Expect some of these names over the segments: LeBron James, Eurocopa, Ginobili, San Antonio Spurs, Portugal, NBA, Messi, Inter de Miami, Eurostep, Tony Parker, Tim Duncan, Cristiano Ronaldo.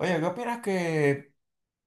Oye, ¿qué opinas que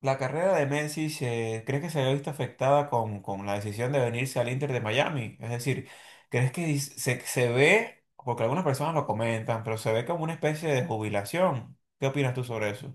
la carrera de Messi se, crees que se haya visto afectada con la decisión de venirse al Inter de Miami? Es decir, ¿crees que se ve, porque algunas personas lo comentan, pero se ve como una especie de jubilación? ¿Qué opinas tú sobre eso?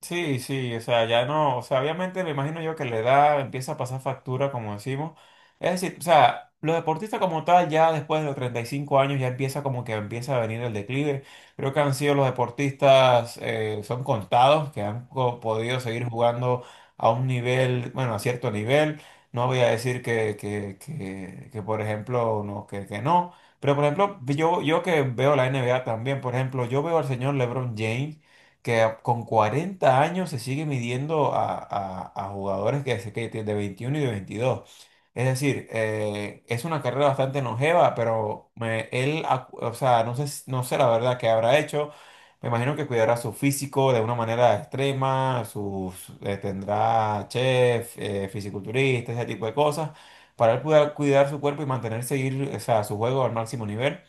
Sí, sí, o sea, ya no, o sea, obviamente me imagino yo que la edad empieza a pasar factura, como decimos. Es decir, o sea, los deportistas como tal, ya después de los 35 años, ya empieza como que empieza a venir el declive. Creo que han sido los deportistas, son contados, que han podido seguir jugando a un nivel, bueno, a cierto nivel. No voy a decir que, por ejemplo, no, que no. Pero, por ejemplo, yo que veo la NBA también, por ejemplo, yo veo al señor LeBron James que con 40 años se sigue midiendo a, a jugadores que, que de 21 y de 22. Es decir, es una carrera bastante longeva, pero él, o sea, no sé, no sé la verdad qué habrá hecho. Me imagino que cuidará su físico de una manera extrema, sus, tendrá chef, fisiculturista, ese tipo de cosas, para él poder cuidar su cuerpo y mantener, seguir, o sea, su juego al máximo nivel.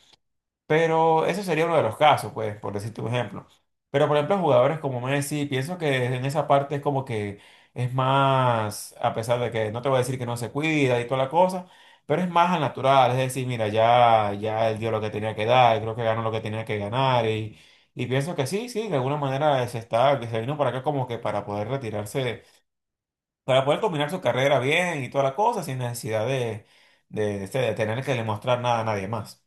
Pero eso sería uno de los casos, pues, por decirte un ejemplo. Pero, por ejemplo, jugadores como Messi, pienso que en esa parte es como que es más, a pesar de que no te voy a decir que no se cuida y toda la cosa, pero es más al natural. Es decir, mira, ya, ya él dio lo que tenía que dar, creo que ganó lo que tenía que ganar. Y pienso que sí, sí, de alguna manera se está, que se vino para acá como que para poder retirarse, para poder combinar su carrera bien y toda la cosa, sin necesidad este, de tener que demostrar nada a nadie más.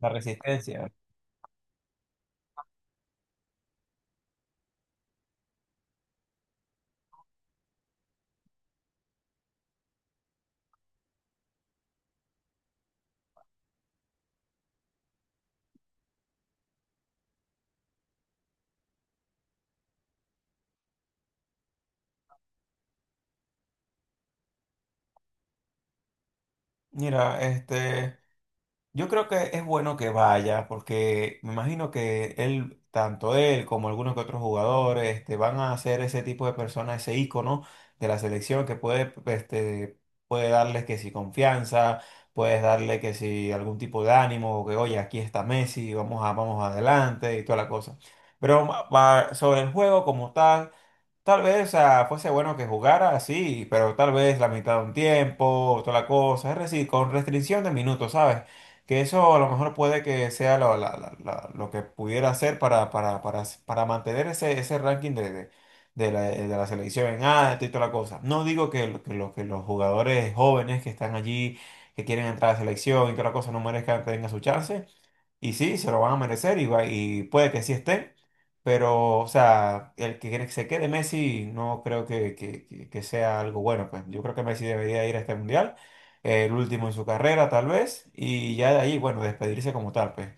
La resistencia. Mira, este, yo creo que es bueno que vaya, porque me imagino que él, tanto él como algunos que otros jugadores, este, van a ser ese tipo de personas, ese ícono de la selección que puede, este, puede darles que si confianza, puedes darle que si algún tipo de ánimo, o que oye, aquí está Messi, vamos adelante y toda la cosa. Pero sobre el juego como tal. Tal vez, ah, fuese bueno que jugara así, pero tal vez la mitad de un tiempo, toda la cosa, es decir, con restricción de minutos, ¿sabes? Que eso a lo mejor puede que sea lo, lo que pudiera hacer para mantener ese, ese ranking de la selección en alto y toda la cosa. No digo que, que los jugadores jóvenes que están allí, que quieren entrar a la selección y toda la cosa, no merezcan, tengan su chance, y sí, se lo van a merecer y, y puede que sí esté, pero, o sea, el que se quede Messi no creo que, que sea algo bueno, pues yo creo que Messi debería ir a este mundial, el último en su carrera tal vez, y ya de ahí, bueno, despedirse como tal, pues.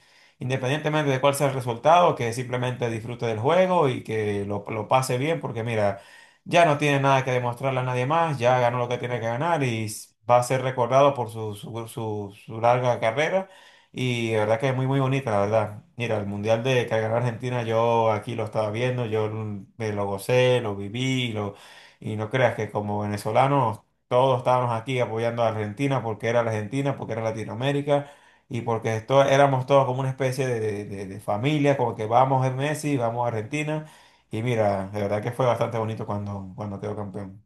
Independientemente de cuál sea el resultado, que simplemente disfrute del juego y que lo pase bien, porque mira, ya no tiene nada que demostrarle a nadie más, ya ganó lo que tiene que ganar y va a ser recordado por su, su larga carrera y la verdad que es muy, muy bonita, la verdad. Mira, el mundial de que ganó Argentina, yo aquí lo estaba viendo, yo me lo gocé, lo viví, lo, y no creas que como venezolanos todos estábamos aquí apoyando a Argentina porque era la Argentina, porque era Latinoamérica y porque esto, éramos todos como una especie de familia, como que vamos a Messi, vamos a Argentina. Y mira, de verdad que fue bastante bonito cuando quedó campeón.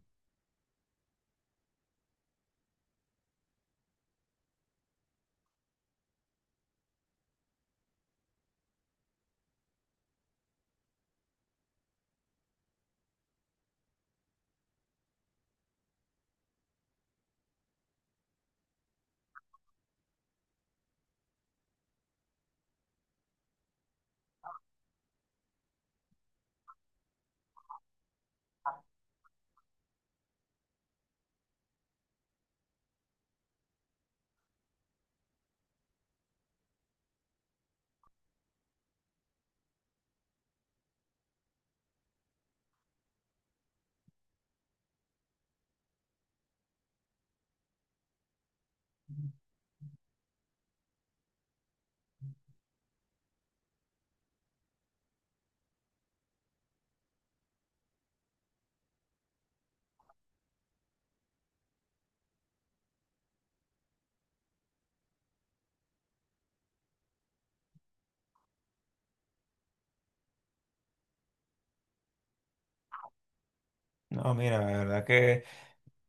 No, mira, la verdad que.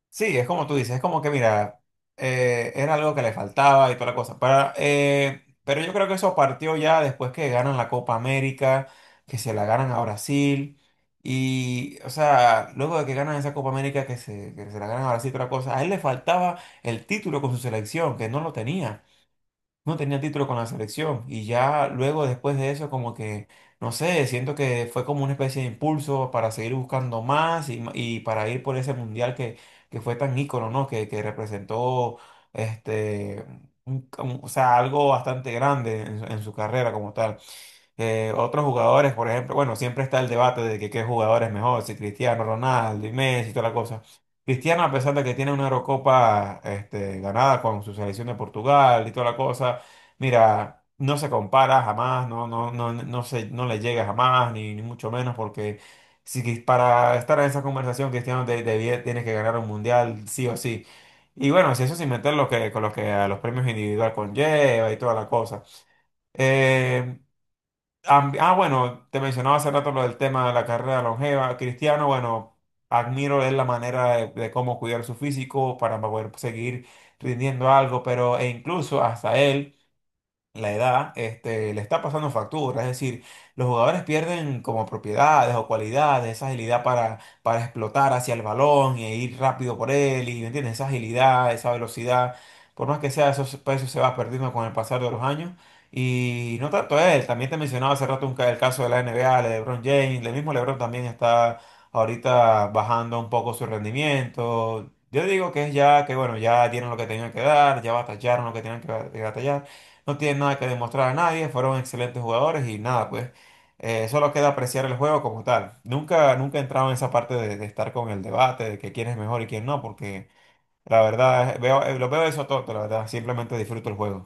Sí, es como tú dices, es como que, mira, era algo que le faltaba y toda la cosa. Para, pero yo creo que eso partió ya después que ganan la Copa América, que se la ganan a Brasil. Y, o sea, luego de que ganan esa Copa América, que se la ganan a Brasil y toda la cosa, a él le faltaba el título con su selección, que no lo tenía, no tenía título con la selección y ya luego después de eso como que, no sé, siento que fue como una especie de impulso para seguir buscando más y, y para ir por ese mundial que fue tan ícono, ¿no? Que representó este, o sea, algo bastante grande en, su carrera como tal. Otros jugadores, por ejemplo, bueno, siempre está el debate de que qué jugador es mejor, si Cristiano Ronaldo y Messi y toda la cosa. Cristiano, a pesar de que tiene una Eurocopa este, ganada con su selección de Portugal y toda la cosa, mira, no se compara jamás, no, no, no, no le llega jamás, ni, ni mucho menos, porque si quis- para estar en esa conversación, Cristiano tiene que ganar un mundial, sí o sí. Y bueno, si eso sin meter lo que, con lo que a los premios individual conlleva y toda la cosa. Eh, bueno, te mencionaba hace rato lo del tema de la carrera longeva. Cristiano, bueno, admiro es la manera de cómo cuidar su físico para poder seguir rindiendo algo, pero e incluso hasta él la edad este, le está pasando factura, es decir, los jugadores pierden como propiedades o cualidades, esa agilidad para explotar hacia el balón y ir rápido por él, y ¿me entiendes? Esa agilidad, esa velocidad, por más que sea, eso, pues, eso se va perdiendo con el pasar de los años. Y no tanto él, también te mencionaba hace rato un el caso de la N NBA, de LeBron James, el mismo LeBron también está ahorita bajando un poco su rendimiento. Yo digo que es ya que, bueno, ya dieron lo que tenían que dar, ya batallaron lo que tenían que que batallar. No tienen nada que demostrar a nadie, fueron excelentes jugadores y nada, pues solo queda apreciar el juego como tal. Nunca, nunca he entrado en esa parte de estar con el debate de que quién es mejor y quién no, porque la verdad, veo, lo veo eso todo, la verdad, simplemente disfruto el juego.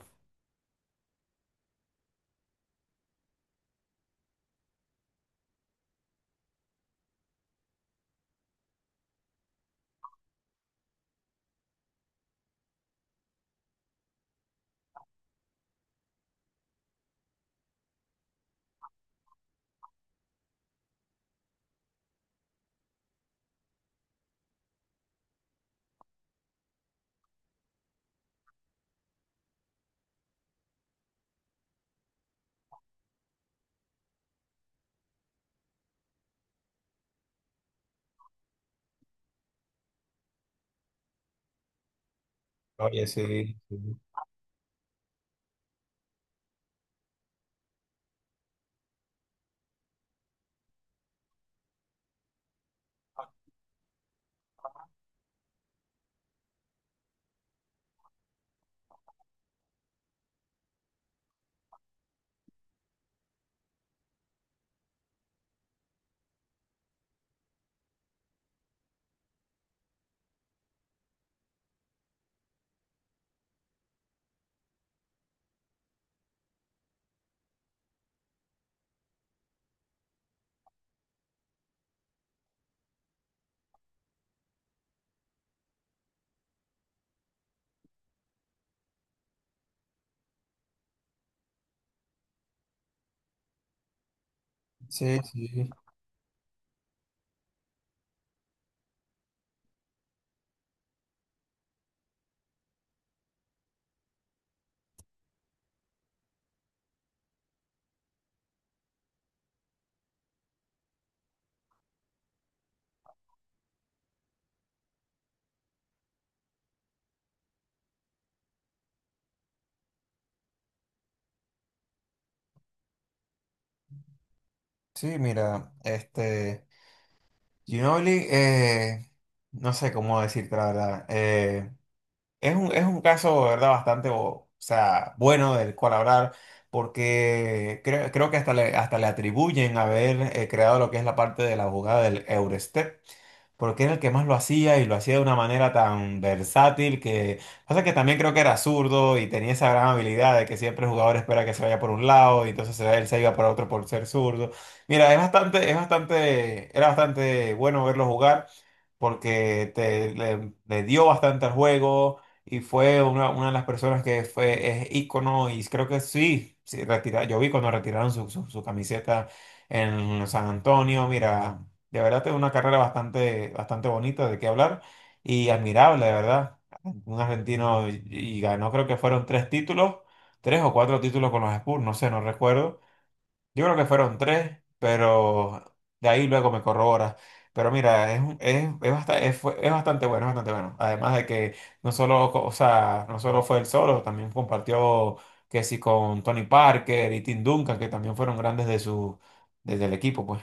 Oye, sí, sí, sí, sí, sí, mira, este, Ginobili, no sé cómo decirte la verdad. Es un caso, de verdad, bastante, o sea, bueno del cual hablar, porque creo, creo que hasta le atribuyen haber creado lo que es la parte de la jugada del Eurostep, porque era el que más lo hacía y lo hacía de una manera tan versátil que pasa que también creo que era zurdo y tenía esa gran habilidad de que siempre el jugador espera que se vaya por un lado y entonces él se iba por otro por ser zurdo. Mira, es bastante, era bastante bueno verlo jugar porque te, le dio bastante al juego y fue una de las personas que fue, es ícono y creo que sí, sí, yo vi cuando retiraron su, su, su camiseta en San Antonio, mira, de verdad tiene una carrera bastante, bastante bonita de qué hablar y admirable, de verdad. Un argentino y ganó, creo que fueron 3 títulos, 3 o 4 títulos con los Spurs, no sé, no recuerdo. Yo creo que fueron 3, pero de ahí luego me corroboras. Pero mira, es, un- es, basta- es fue- es bastante bueno, es bastante bueno. Además de que no solo, o sea, no solo fue él solo, también compartió que sí con Tony Parker y Tim Duncan, que también fueron grandes de su, desde el equipo, pues.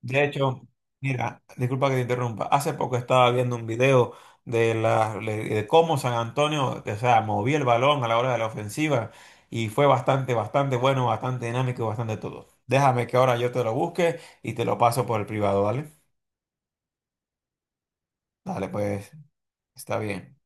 De hecho, mira, disculpa que te interrumpa. Hace poco estaba viendo un video de cómo San Antonio, o sea, movía el balón a la hora de la ofensiva y fue bastante, bastante bueno, bastante dinámico y bastante todo. Déjame que ahora yo te lo busque y te lo paso por el privado, ¿vale? Dale, pues, está bien.